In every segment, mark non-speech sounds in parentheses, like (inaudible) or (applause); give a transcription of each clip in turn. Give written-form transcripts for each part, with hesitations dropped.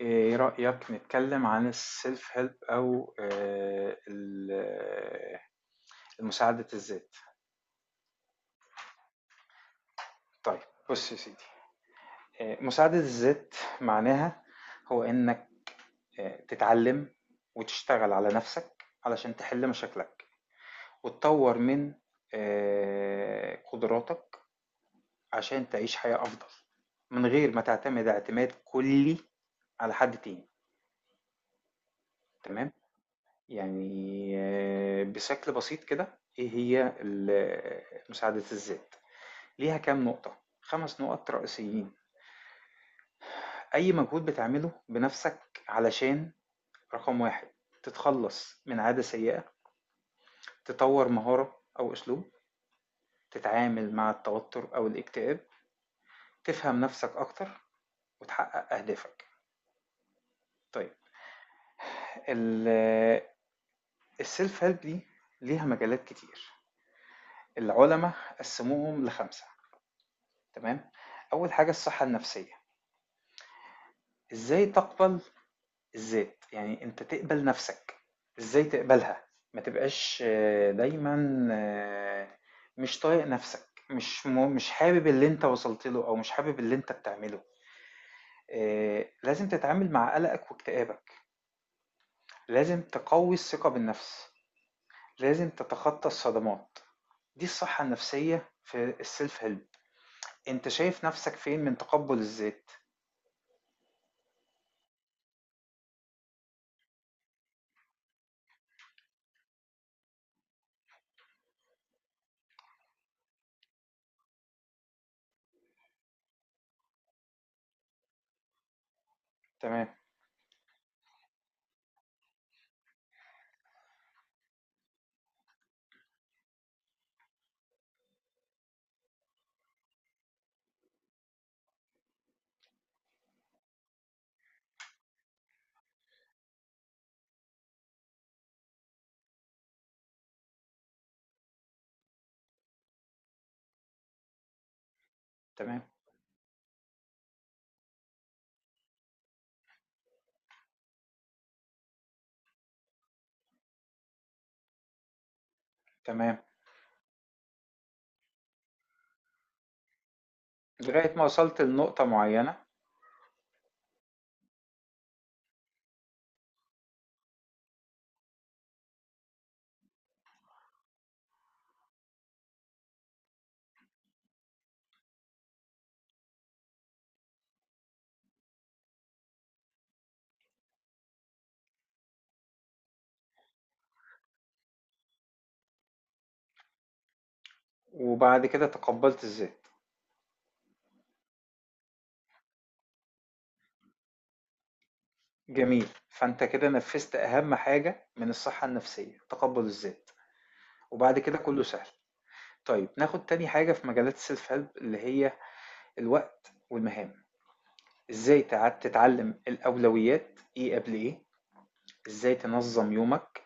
إيه رأيك نتكلم عن السيلف هيلب أو المساعدة الذات. طيب، بص يا سيدي. مساعدة الذات معناها هو إنك تتعلم وتشتغل على نفسك علشان تحل مشاكلك وتطور من قدراتك عشان تعيش حياة أفضل من غير ما تعتمد اعتماد كلي على حد تاني. تمام. يعني بشكل بسيط كده ايه هي مساعدة الذات؟ ليها كام نقطة، 5 نقط رئيسيين. اي مجهود بتعمله بنفسك علشان: رقم واحد، تتخلص من عادة سيئة، تطور مهارة او اسلوب، تتعامل مع التوتر او الاكتئاب، تفهم نفسك اكتر، وتحقق اهدافك. طيب، ال- السيلف هيلب دي ليها مجالات كتير. العلماء قسموهم لخمسة. تمام. اول حاجة الصحة النفسية. إزاي تقبل الذات؟ يعني أنت تقبل نفسك، إزاي تقبلها؟ ما تبقاش دايمًا مش طايق نفسك، مش مش حابب اللي أنت وصلت له أو مش حابب اللي أنت بتعمله. لازم تتعامل مع قلقك واكتئابك، لازم تقوي الثقة بالنفس، لازم تتخطى الصدمات. دي الصحة النفسية في السيلف هيلب. أنت شايف نفسك فين من تقبل الذات؟ تمام، تمام، تمام. لغاية ما وصلت لنقطة معينة وبعد كده تقبلت الذات. جميل، فانت كده نفذت اهم حاجة من الصحة النفسية، تقبل الذات. وبعد كده كله سهل. طيب، ناخد تاني حاجة في مجالات السيلف هيلب اللي هي الوقت والمهام. ازاي تتعلم الاولويات، ايه قبل ايه، ازاي تنظم يومك،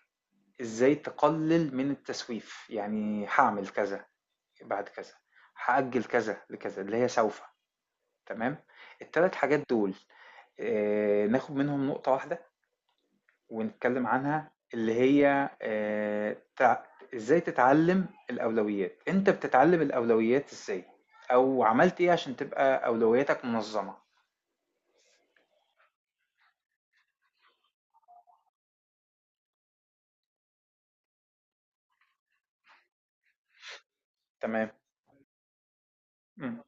ازاي تقلل من التسويف، يعني هعمل كذا بعد كذا، هأجل كذا لكذا اللي هي سوف. تمام. التلات حاجات دول، ناخد منهم نقطة واحدة ونتكلم عنها اللي هي ازاي تتعلم الأولويات. انت بتتعلم الأولويات ازاي او عملت ايه عشان تبقى أولوياتك منظمة؟ تمام. مم.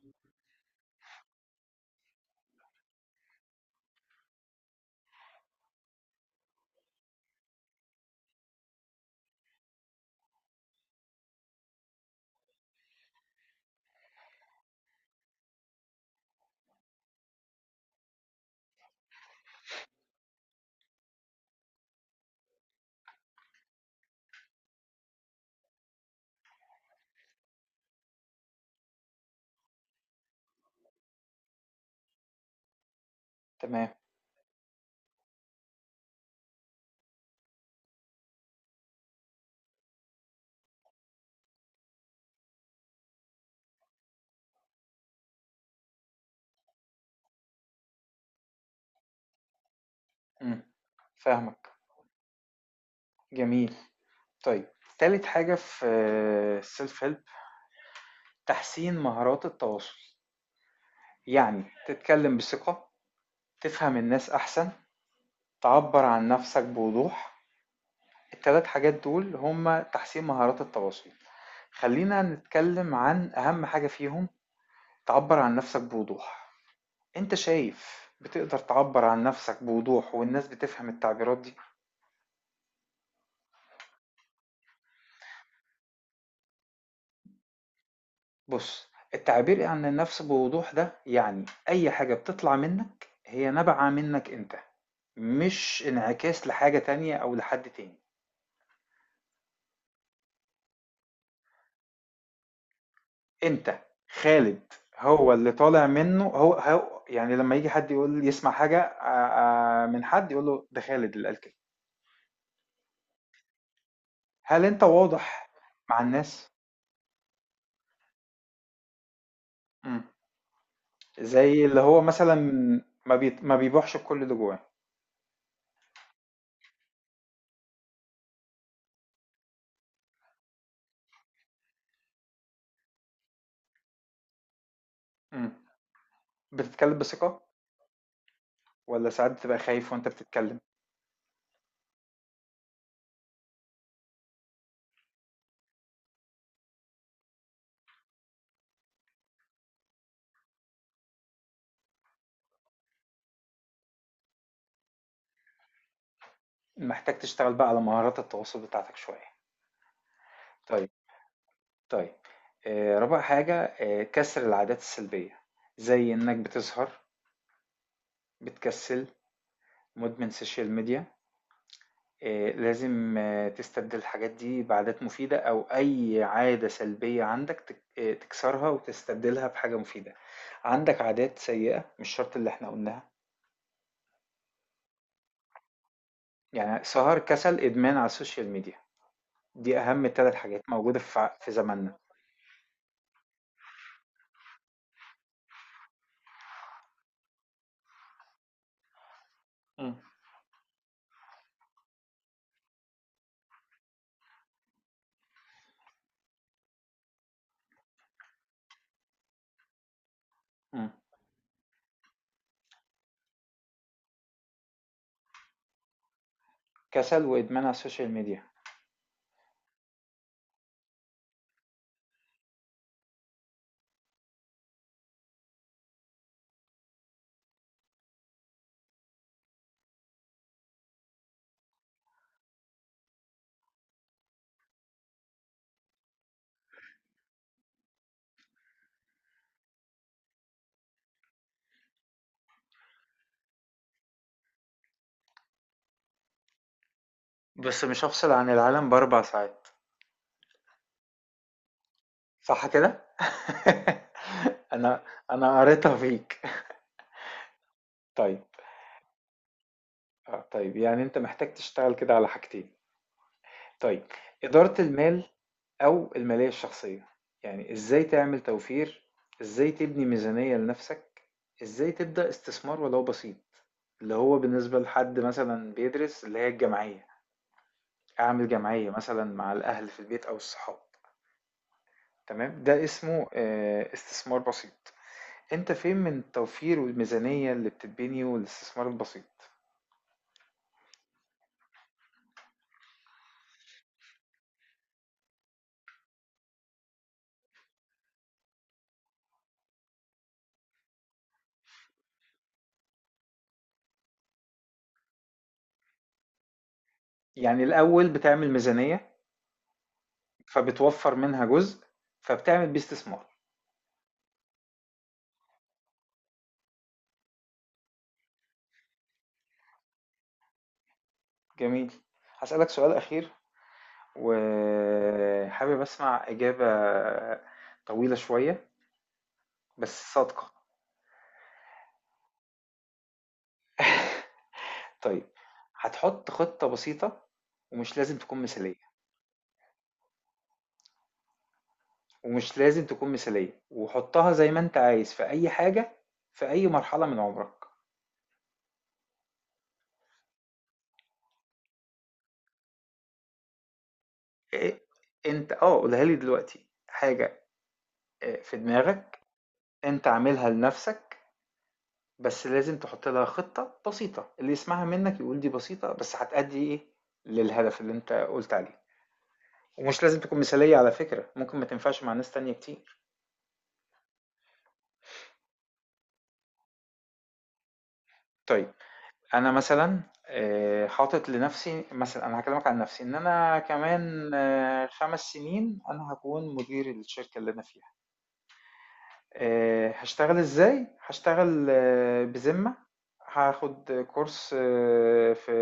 تمام. مم. فاهمك. جميل. طيب، تالت حاجة في السيلف هيلب، تحسين مهارات التواصل. يعني تتكلم بثقة، تفهم الناس أحسن، تعبر عن نفسك بوضوح. التلات حاجات دول هما تحسين مهارات التواصل. خلينا نتكلم عن أهم حاجة فيهم، تعبر عن نفسك بوضوح. أنت شايف بتقدر تعبر عن نفسك بوضوح والناس بتفهم التعبيرات دي؟ بص، التعبير عن النفس بوضوح ده يعني أي حاجة بتطلع منك هي نابعة منك أنت، مش انعكاس لحاجة تانية أو لحد تاني. أنت خالد، هو اللي طالع منه هو يعني لما يجي حد يقول يسمع حاجة من حد يقول له ده خالد اللي قال كده. هل أنت واضح مع الناس؟ مم. زي اللي هو مثلا ما بيبوحش الكل اللي جواه. مم. بتتكلم بثقة ولا ساعات بتبقى خايف وانت بتتكلم؟ محتاج تشتغل بقى على مهارات التواصل بتاعتك شوية. طيب. طيب. رابع حاجة كسر العادات السلبية، زي انك بتسهر، بتكسل، مدمن سوشيال ميديا. لازم تستبدل الحاجات دي بعادات مفيدة، او اي عادة سلبية عندك تك... آه تكسرها وتستبدلها بحاجة مفيدة. عندك عادات سيئة مش شرط اللي احنا قلناها؟ يعني سهر، كسل، ادمان على السوشيال ميديا، دي اهم 3 حاجات موجوده في في زماننا. مم. مم. كسل وادمان على السوشيال ميديا. بس مش هفصل عن العالم بـ4 ساعات، صح كده؟ (laughs) انا انا قريتها فيك. طيب، طيب، يعني انت محتاج تشتغل كده على حاجتين. طيب، إدارة المال أو المالية الشخصية. يعني إزاي تعمل توفير، إزاي تبني ميزانية لنفسك، إزاي تبدأ استثمار ولو بسيط اللي هو بالنسبة لحد مثلا بيدرس اللي هي الجمعية. أعمل جمعية مثلا مع الأهل في البيت أو الصحاب. تمام، ده اسمه استثمار بسيط. أنت فين من التوفير والميزانية اللي بتتبني والاستثمار البسيط؟ يعني الأول بتعمل ميزانية، فبتوفر منها جزء، فبتعمل بيه استثمار. جميل. هاسألك سؤال أخير، وحابب أسمع إجابة طويلة شوية بس صادقة. طيب، هتحط خطة بسيطة، ومش لازم تكون مثالية ومش لازم تكون مثالية وحطها زي ما أنت عايز في أي حاجة في أي مرحلة من عمرك. إيه، أنت قولها لي دلوقتي حاجة في دماغك. أنت عاملها لنفسك، بس لازم تحط لها خطة بسيطة اللي يسمعها منك يقول دي بسيطة بس هتأدي إيه للهدف اللي أنت قلت عليه. ومش لازم تكون مثالية على فكرة، ممكن ما تنفعش مع ناس تانية كتير. طيب، أنا مثلا حاطط لنفسي، مثلا أنا هكلمك عن نفسي، إن أنا كمان 5 سنين أنا هكون مدير الشركة اللي أنا فيها. هشتغل إزاي؟ هشتغل بذمة، هاخد كورس في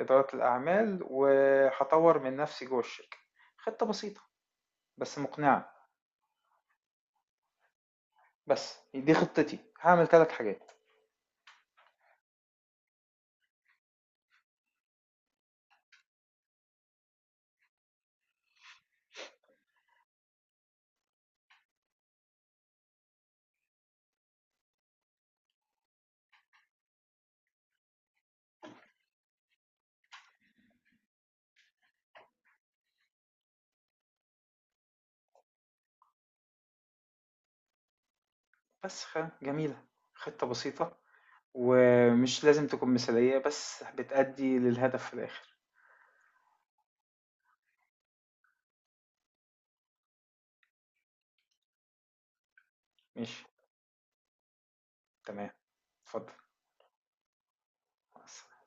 إدارة الأعمال وهطور من نفسي جوه الشركة. خطة بسيطة بس مقنعة. بس دي خطتي، هعمل 3 حاجات. بس جميلة. خطة بسيطة ومش لازم تكون مثالية بس بتأدي للهدف في الآخر. ماشي. تمام. اتفضل. مع السلامة.